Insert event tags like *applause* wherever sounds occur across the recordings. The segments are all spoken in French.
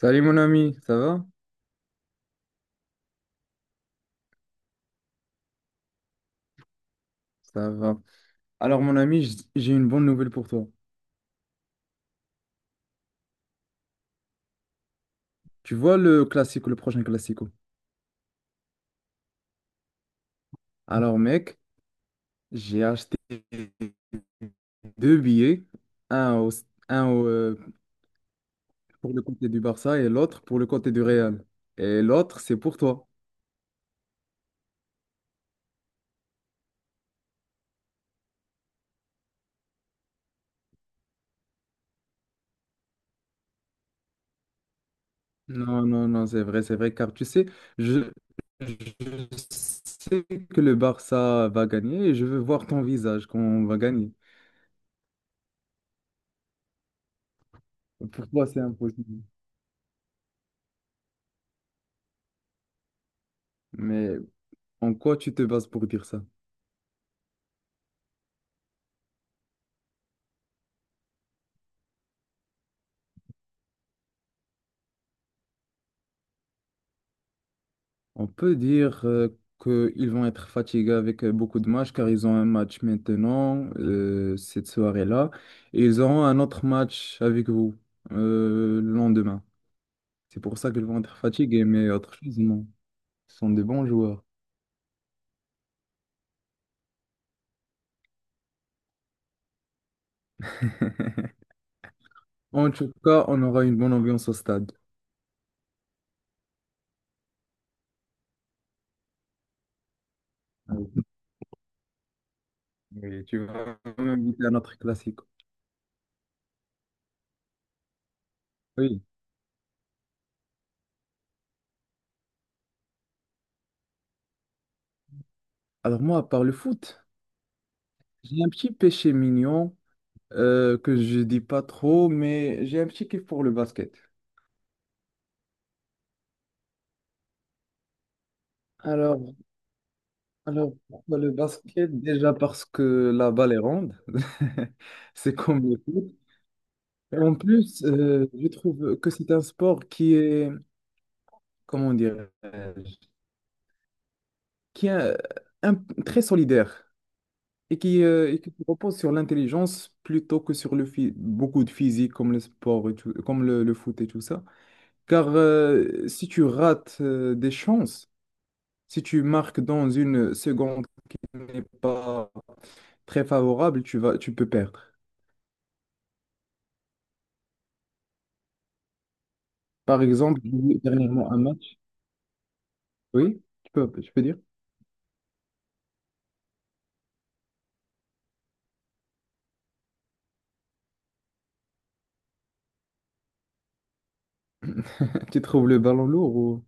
Salut mon ami, ça va? Ça va. Alors mon ami, j'ai une bonne nouvelle pour toi. Tu vois le classico, le prochain classico. Alors mec, j'ai acheté deux billets, un, au- un pour le côté du Barça et l'autre pour le côté du Real. Et l'autre, c'est pour toi. Non, non, non, c'est vrai, car tu sais, je, je sais que le Barça va gagner et je veux voir ton visage quand on va gagner. Pour toi, c'est impossible. Mais en quoi tu te bases pour dire ça? On peut dire qu'ils vont être fatigués avec beaucoup de matchs car ils ont un match maintenant, cette soirée-là, et ils auront un autre match avec vous le lendemain. C'est pour ça qu'ils vont être fatigués, mais autre chose, non. Ce sont des bons joueurs. En tout cas, on aura une bonne ambiance au stade. Oui, oui, tu vas m'inviter à notre classique. Oui. Alors moi, par le foot, j'ai un petit péché mignon que je dis pas trop, mais j'ai un petit kiff pour le basket. Alors, Alors, pourquoi le basket? Déjà parce que la balle est ronde, *laughs* c'est comme le foot. Et en plus, je trouve que c'est un sport qui est, comment dire, qui est un- très solidaire et qui repose sur l'intelligence plutôt que sur le beaucoup de physique comme le sport et comme le foot et tout ça. Car si tu rates des chances, si tu marques dans une seconde qui n'est pas très favorable, tu peux perdre. Par exemple, j'ai vu dernièrement un match. Oui, tu peux dire. *laughs* Tu trouves le ballon lourd ou...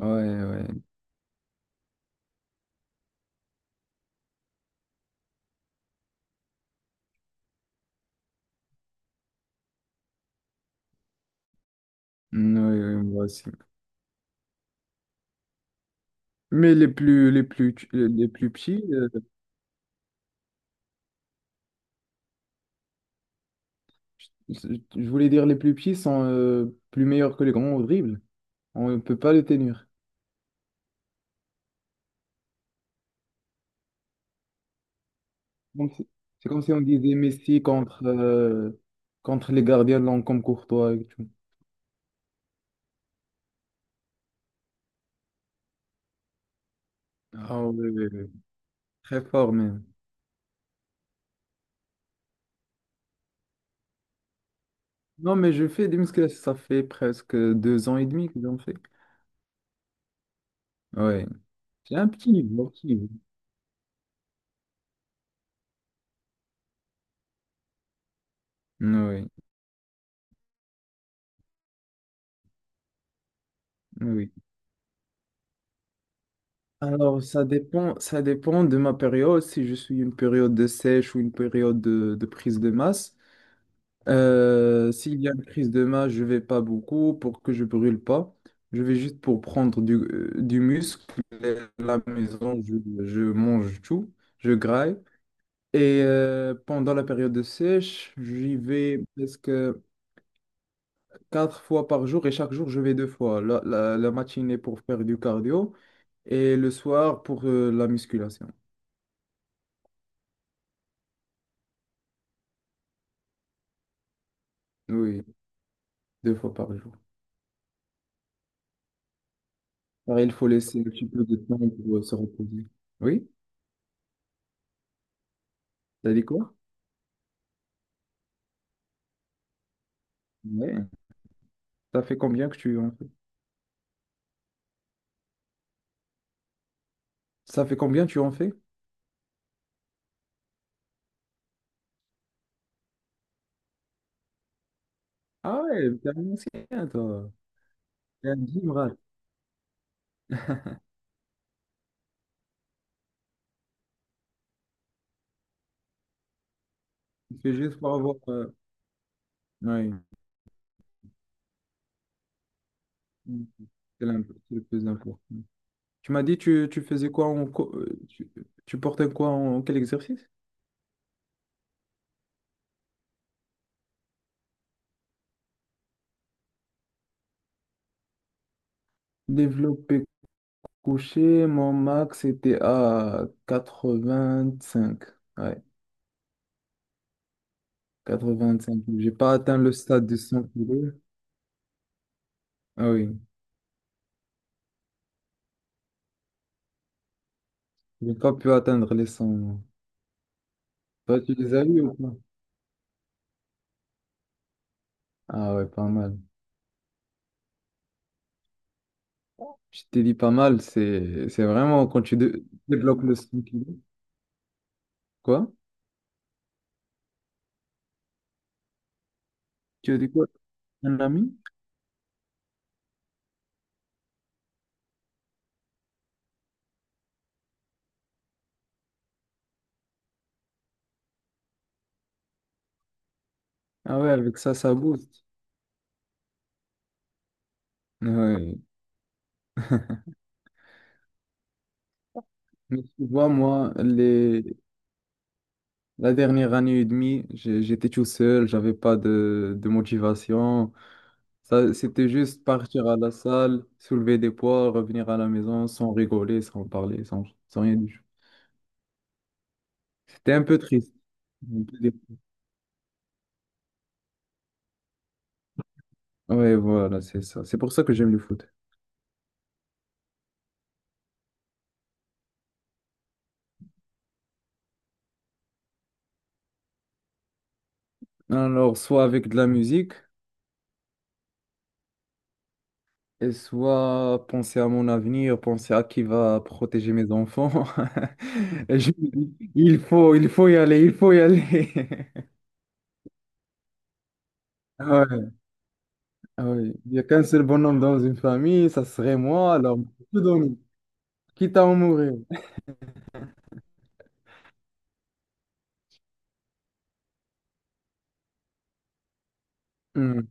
Ouais, ouais. Mm, ouais, ouais, moi aussi. Mais les plus petits, je voulais dire les plus petits sont plus meilleurs que les grands au dribble. On ne peut pas les tenir. Donc, c'est comme si on disait Messi contre les gardiens longs comme Courtois et tout. Ah ouais, ouais, ouais. Très fort même. Non, mais je fais des musculations, ça fait presque 2 ans et demi que j'en fais. Ouais, j'ai un petit niveau. Oui, oui. Alors, ça dépend, de ma période. Si je suis une période de sèche ou une période de prise de masse. S'il y a une prise de masse, je vais pas beaucoup pour que je brûle pas. Je vais juste pour prendre du muscle. Et à la maison, je mange tout, je graille. Et pendant la période de sèche, j'y vais presque quatre fois par jour et chaque jour, je vais deux fois. La matinée pour faire du cardio. Et le soir pour la musculation. Oui, deux fois par jour. Pareil, il faut laisser un petit peu de temps pour se reposer. Oui, t'as dit quoi? Ouais. Ça fait combien que tu en fais? Ça fait combien que tu en fais? Ah ouais, t'es un ancien, toi. T'es un gym rat. Tu fais juste pour avoir. Ouais. Mm. C'est le plus important. Tu m'as dit, tu portais quoi en quel exercice? Développé couché, mon max était à 85. Ouais. Quatre-vingt-cinq kilos. J'ai pas atteint le stade de 100 kilos. Ah oui, j'ai pas pu atteindre les 100 moi. Toi, tu les as eu ou pas? Ah ouais, pas mal. Je t'ai dit pas mal, c'est vraiment quand tu débloques le 100 kilos. Quoi? Tu as dit quoi? Un ami? Ah ouais, avec ça, ça booste. Ouais. Mais tu vois, moi, la dernière année et demie, j'étais tout seul, j'avais pas de motivation. Ça, c'était juste partir à la salle, soulever des poids, revenir à la maison sans rigoler, sans parler, sans rien du tout. C'était un peu triste. On peut dire. Ouais, voilà, c'est ça. C'est pour ça que j'aime le foot. Alors, soit avec de la musique, et soit penser à mon avenir, penser à qui va protéger mes enfants. *laughs* Et je me dis, il faut y aller, il faut y aller. *laughs* Ah ouais, ah ouais. Il n'y a qu'un seul bonhomme dans une famille, ça serait moi, alors je peux donner, quitte à en mourir. Hmm.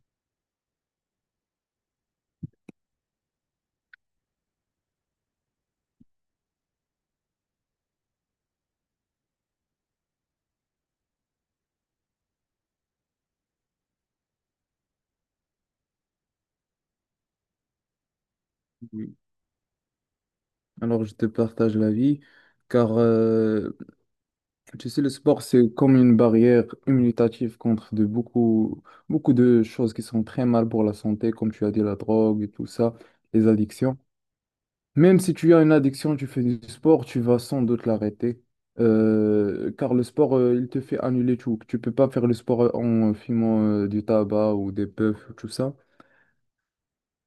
Alors, je te partage l'avis, car tu sais, le sport, c'est comme une barrière immunitative contre de beaucoup, beaucoup de choses qui sont très mal pour la santé, comme tu as dit, la drogue et tout ça, les addictions. Même si tu as une addiction, tu fais du sport, tu vas sans doute l'arrêter, car le sport, il te fait annuler tout. Tu peux pas faire le sport en fumant du tabac ou des puffs, tout ça.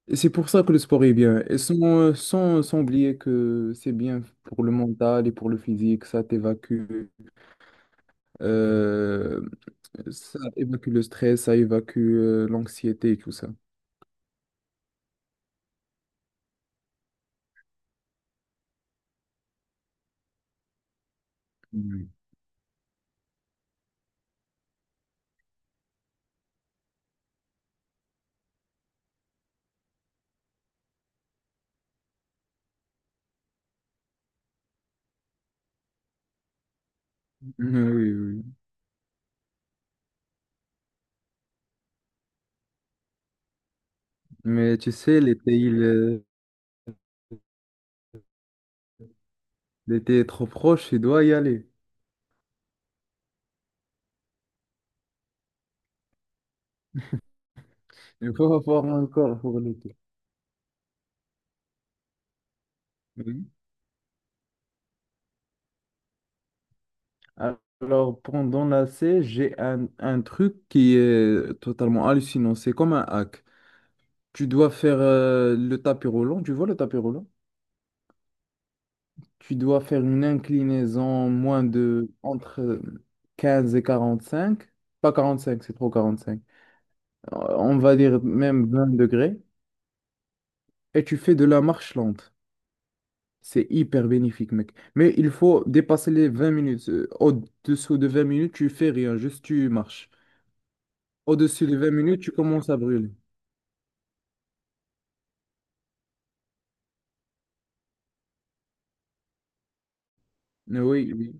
Et c'est pour ça que le sport est bien. Et sans, sans oublier que c'est bien pour le mental et pour le physique, ça t'évacue, euh, ça évacue le stress, ça évacue l'anxiété et tout ça. Oui, *laughs* Mhm, Oui, oui. Mais tu sais, l'été est trop proche, tu dois y aller. *laughs* Il faut avoir un corps pour l'été. Oui. Alors, pendant la C, j'ai un truc qui est totalement hallucinant. C'est comme un hack. Tu dois faire le tapis roulant, tu vois le tapis roulant? Tu dois faire une inclinaison moins de entre 15 et 45, pas 45, c'est trop 45. On va dire même 20 degrés et tu fais de la marche lente. C'est hyper bénéfique, mec. Mais il faut dépasser les 20 minutes. Au-dessous de 20 minutes, tu fais rien, juste tu marches. Au-dessus de 20 minutes, tu commences à brûler. Oui, oui.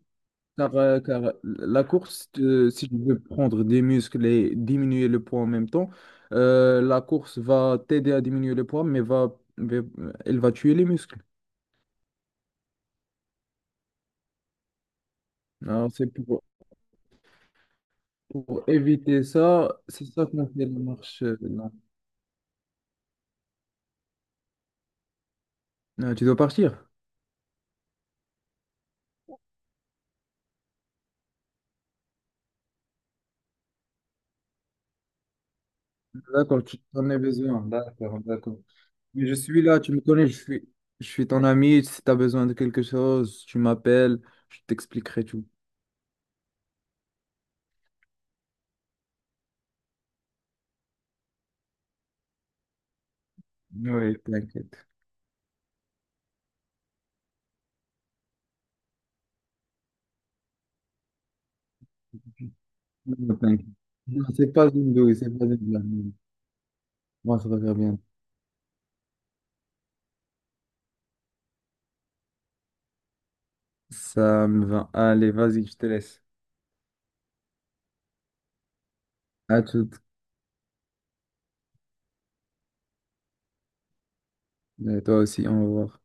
Car la course, si tu veux prendre des muscles et diminuer le poids en même temps, la course va t'aider à diminuer le poids, mais elle va tuer les muscles. Alors, c'est pour éviter ça, c'est ça qu'on fait la marche. Non. Ah, tu dois partir. D'accord, tu en as besoin. D'accord, d'accord. Mais je suis là, tu me connais, je suis ton ami. Si tu as besoin de quelque chose, tu m'appelles, je t'expliquerai tout. Oui. T'inquiète. Non, t'inquiète. Non, c'est pas une douille, c'est pas une blague. Moi, ça va faire bien. Ça me va. Allez, vas-y, je te laisse. À toute. Et toi aussi, au revoir.